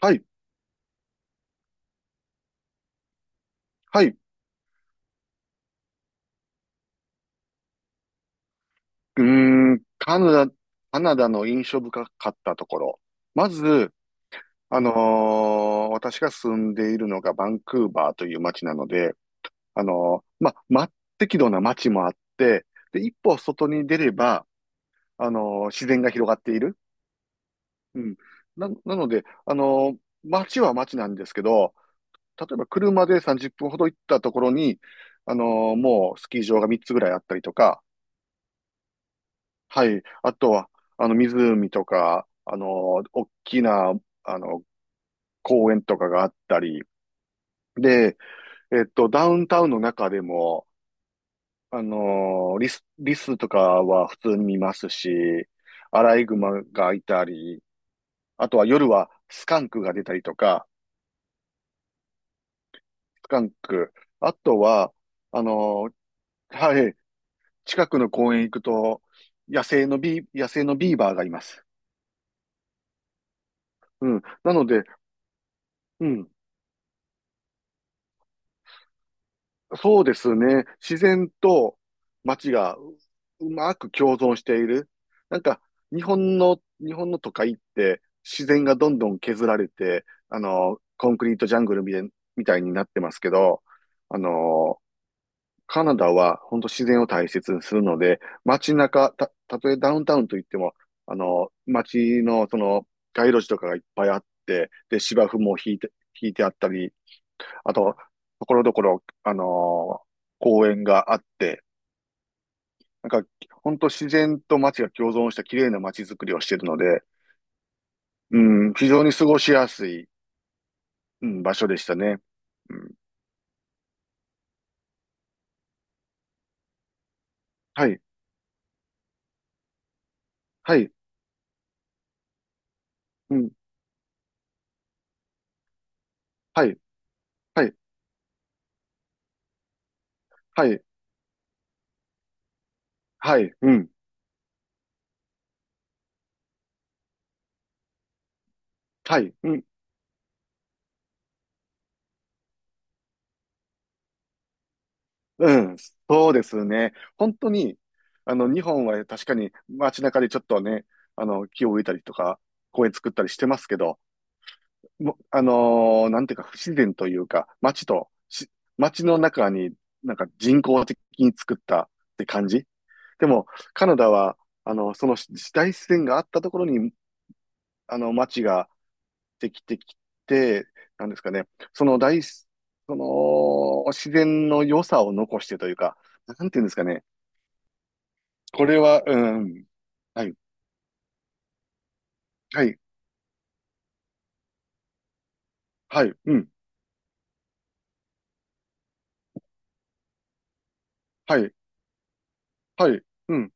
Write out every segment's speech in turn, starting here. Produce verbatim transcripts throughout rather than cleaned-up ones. はい、はい。うーん、カナダ、カナダの印象深かったところ。まず、あのー私が住んでいるのがバンクーバーという街なので、あのーま、ま、適度な街もあって、で、一歩外に出れば、あのー自然が広がっている。うん。な、なので、あのー街は街なんですけど、例えば車でさんじゅっぷんほど行ったところに、あのーもうスキー場がみっつぐらいあったりとか、はい。あとは、あの、湖とか、あの、大きな、あの、公園とかがあったり、で、えっと、ダウンタウンの中でも、あの、リス、リスとかは普通に見ますし、アライグマがいたり、あとは夜はスカンクが出たりとか、スカンク、あとは、あの、はい、近くの公園行くと、野生のビー、野生のビーバーがいます。うん。なので、うん。そうですね。自然と街がううまく共存している。なんか、日本の、日本の都会って自然がどんどん削られて、あの、コンクリートジャングルみたいみたいになってますけど、あの、カナダは本当自然を大切にするので、街中、た、たとえダウンタウンといっても、あの、街のその街路樹とかがいっぱいあって、で、芝生も引いて、引いてあったり、あと、ところどころ、あのー公園があって、なんか、本当自然と街が共存した綺麗な街づくりをしているので、うん、非常に過ごしやすい、うん、場所でしたね。うん、はい、はい、うん、はい、はい、はい、はい、うん、はい、うん、うん、そうですね。本当に、あの、日本は確かに街中でちょっとね、あの、木を植えたりとか、公園作ったりしてますけど、もあのーなんていうか、不自然というか、街とし、街の中になんか人工的に作ったって感じ。でも、カナダは、あの、そのし大自然があったところに、あの、街ができてきて、なんですかね、その大す、その自然の良さを残してというか、なんていうんですかね、これは、うん、はい、はい、はい、うん、はい、はい、うん、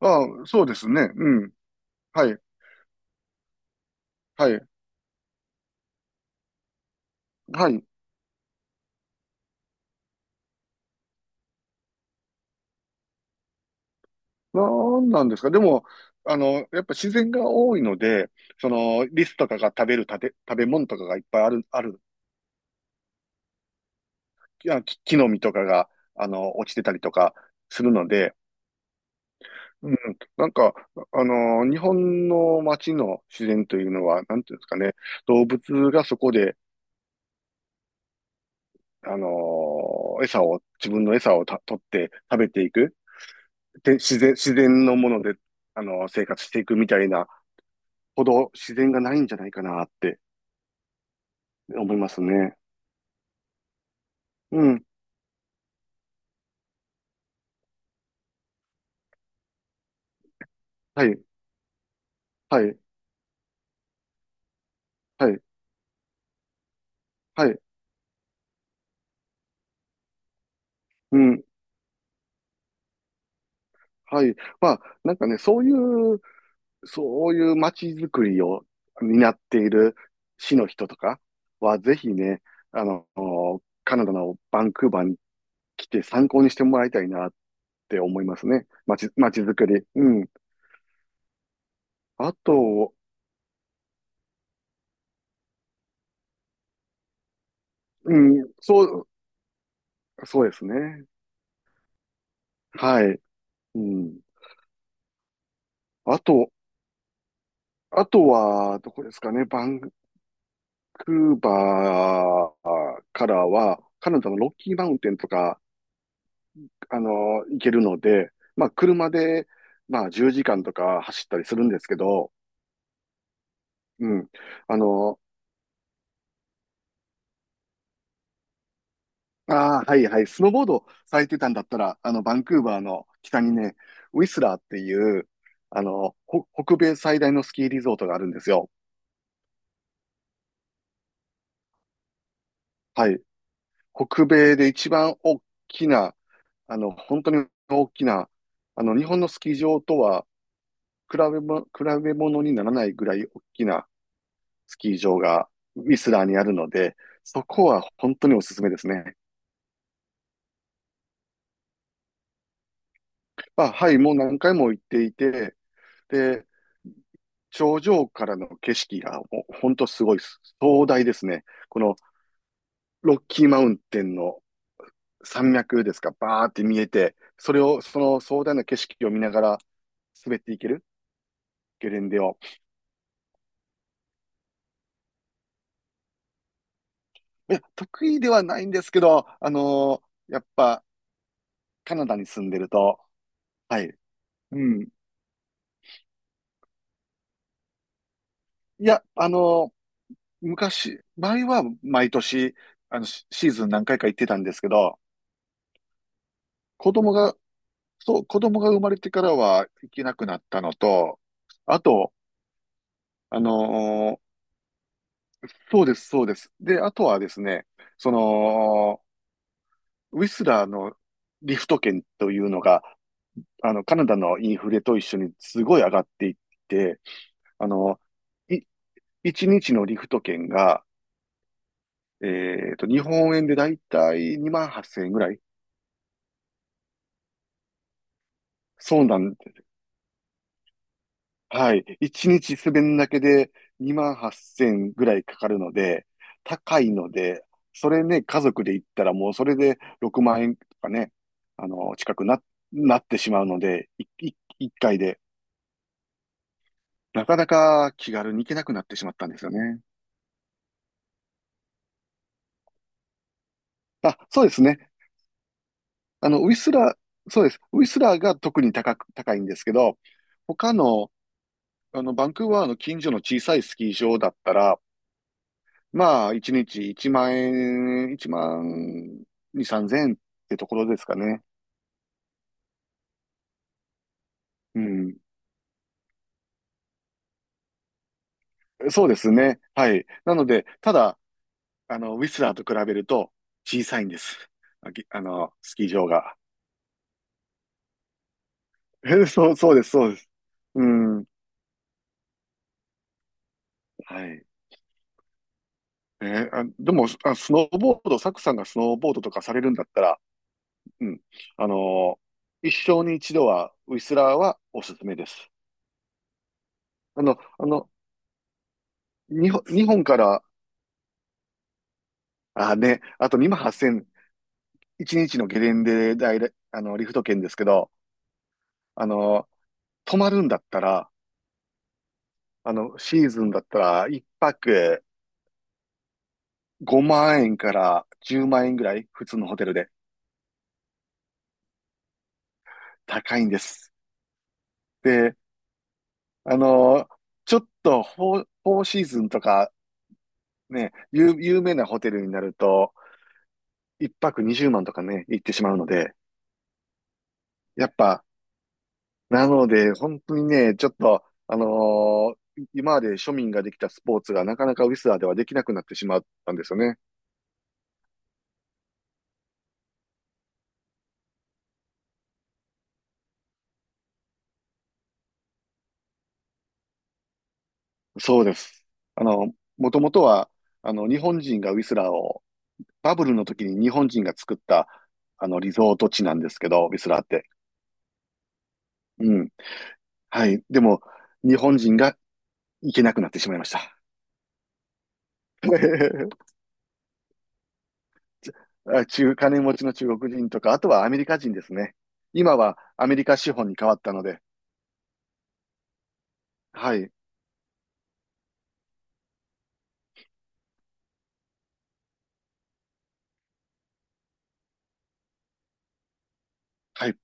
ああ、そうですね、うん、はい、はい、はい、なんなんですかでも、あの、やっぱ自然が多いので、その、リスとかが食べるたて食べ物とかがいっぱいある、ある、いや木木の実とかが、あの、落ちてたりとかするので、うん、なんか、あの、日本の街の自然というのは、なんていうんですかね、動物がそこで、あの、餌を、自分の餌をた取って食べていく、で、自然、自然のもので、あの、生活していくみたいなほど自然がないんじゃないかなって思いますね。うん。はい。はい。はい。はい。うん。はい。まあ、なんかね、そういう、そういう街づくりを担っている市の人とかは、ぜひね、あの、カナダのバンクーバーに来て参考にしてもらいたいなって思いますね。街、街づくり。うん。あと、うん、そう、そうですね。はい。うん。あと、あとは、どこですかね。バンクーバー、からは、カナダのロッキーマウンテンとか、あの、行けるので、まあ、車で、まあ、じゅうじかんとか走ったりするんですけど、うん。あの、ああ、はいはい、スノーボードされてたんだったら、あの、バンクーバーの北にね、ウィスラーっていう、あの、ほ北米最大のスキーリゾートがあるんですよ。はい。北米で一番大きな、あの、本当に大きな、あの、日本のスキー場とは比べも、比べ物にならないぐらい大きな、スキー場がウィスラーにあるので、そこは本当におすすめですね。まあ、はい、もう何回も行っていて、で、頂上からの景色がもう本当すごいです壮大ですね。このロッキーマウンテンの山脈ですか、バーって見えて、それを、その壮大な景色を見ながら滑っていけるゲレンデを。いや、得意ではないんですけど、あのーやっぱカナダに住んでると、はい、うん。いや、あのー昔、前は毎年、あの、シシーズン何回か行ってたんですけど、子供が、そう、子供が生まれてからは行けなくなったのと、あと、あのーそうです、そうです。で、あとはですね、その、ウィスラーのリフト券というのが、あの、カナダのインフレと一緒にすごい上がっていって、あの、い、いちにちのリフト券が、えっと、日本円でだいたいにまんはっせんえんぐらい。そうなんはい。一日滑るだけでにまんはっせんぜろぐらいかかるので、高いので、それね、家族で行ったらもうそれでろくまん円とかね、あの、近くな、なってしまうので、いい一回で。なかなか気軽に行けなくなってしまったんですよね。あ、そうですね。あの、ウィスラー、そうです。ウィスラーが特に高く、高いんですけど、他の、あの、バンクーバーの近所の小さいスキー場だったら、まあ、いちにちいちまん円、いちまんに、さんぜん円ってところですかね。うん。そうですね。はい。なので、ただ、あの、ウィスラーと比べると小さいんです。あ、ぎあの、スキー場が。そう、そうです、そうです。うん。はい。えあ、でも、あ、スノーボード、サクさんがスノーボードとかされるんだったら、うん。あの、一生に一度は、ウィスラーはおすすめです。あの、あの、日本、日本から、あ、ね、あとにまんはっせんぜろ一日のゲレンデで、あの、リフト券ですけど、あの、泊まるんだったら、あの、シーズンだったら、一泊ごまん円からじゅうまん円ぐらい、普通のホテルで高いんです。で、あの、ちょっとフォー、フォーシーズンとか、ね、有、有名なホテルになると、一泊にじゅうまんとかね、行ってしまうので、やっぱ、なので、本当にね、ちょっと、あのー今まで庶民ができたスポーツがなかなかウィスラーではできなくなってしまったんですよね。そうです。あの、もともとは、あの、日本人がウィスラーを、バブルの時に日本人が作った、あの、リゾート地なんですけど、ウィスラーって。うん。はい。でも、日本人が行けなくなってしまいました。あ中、金持ちの中国人とか、あとはアメリカ人ですね。今はアメリカ資本に変わったので、はい。はい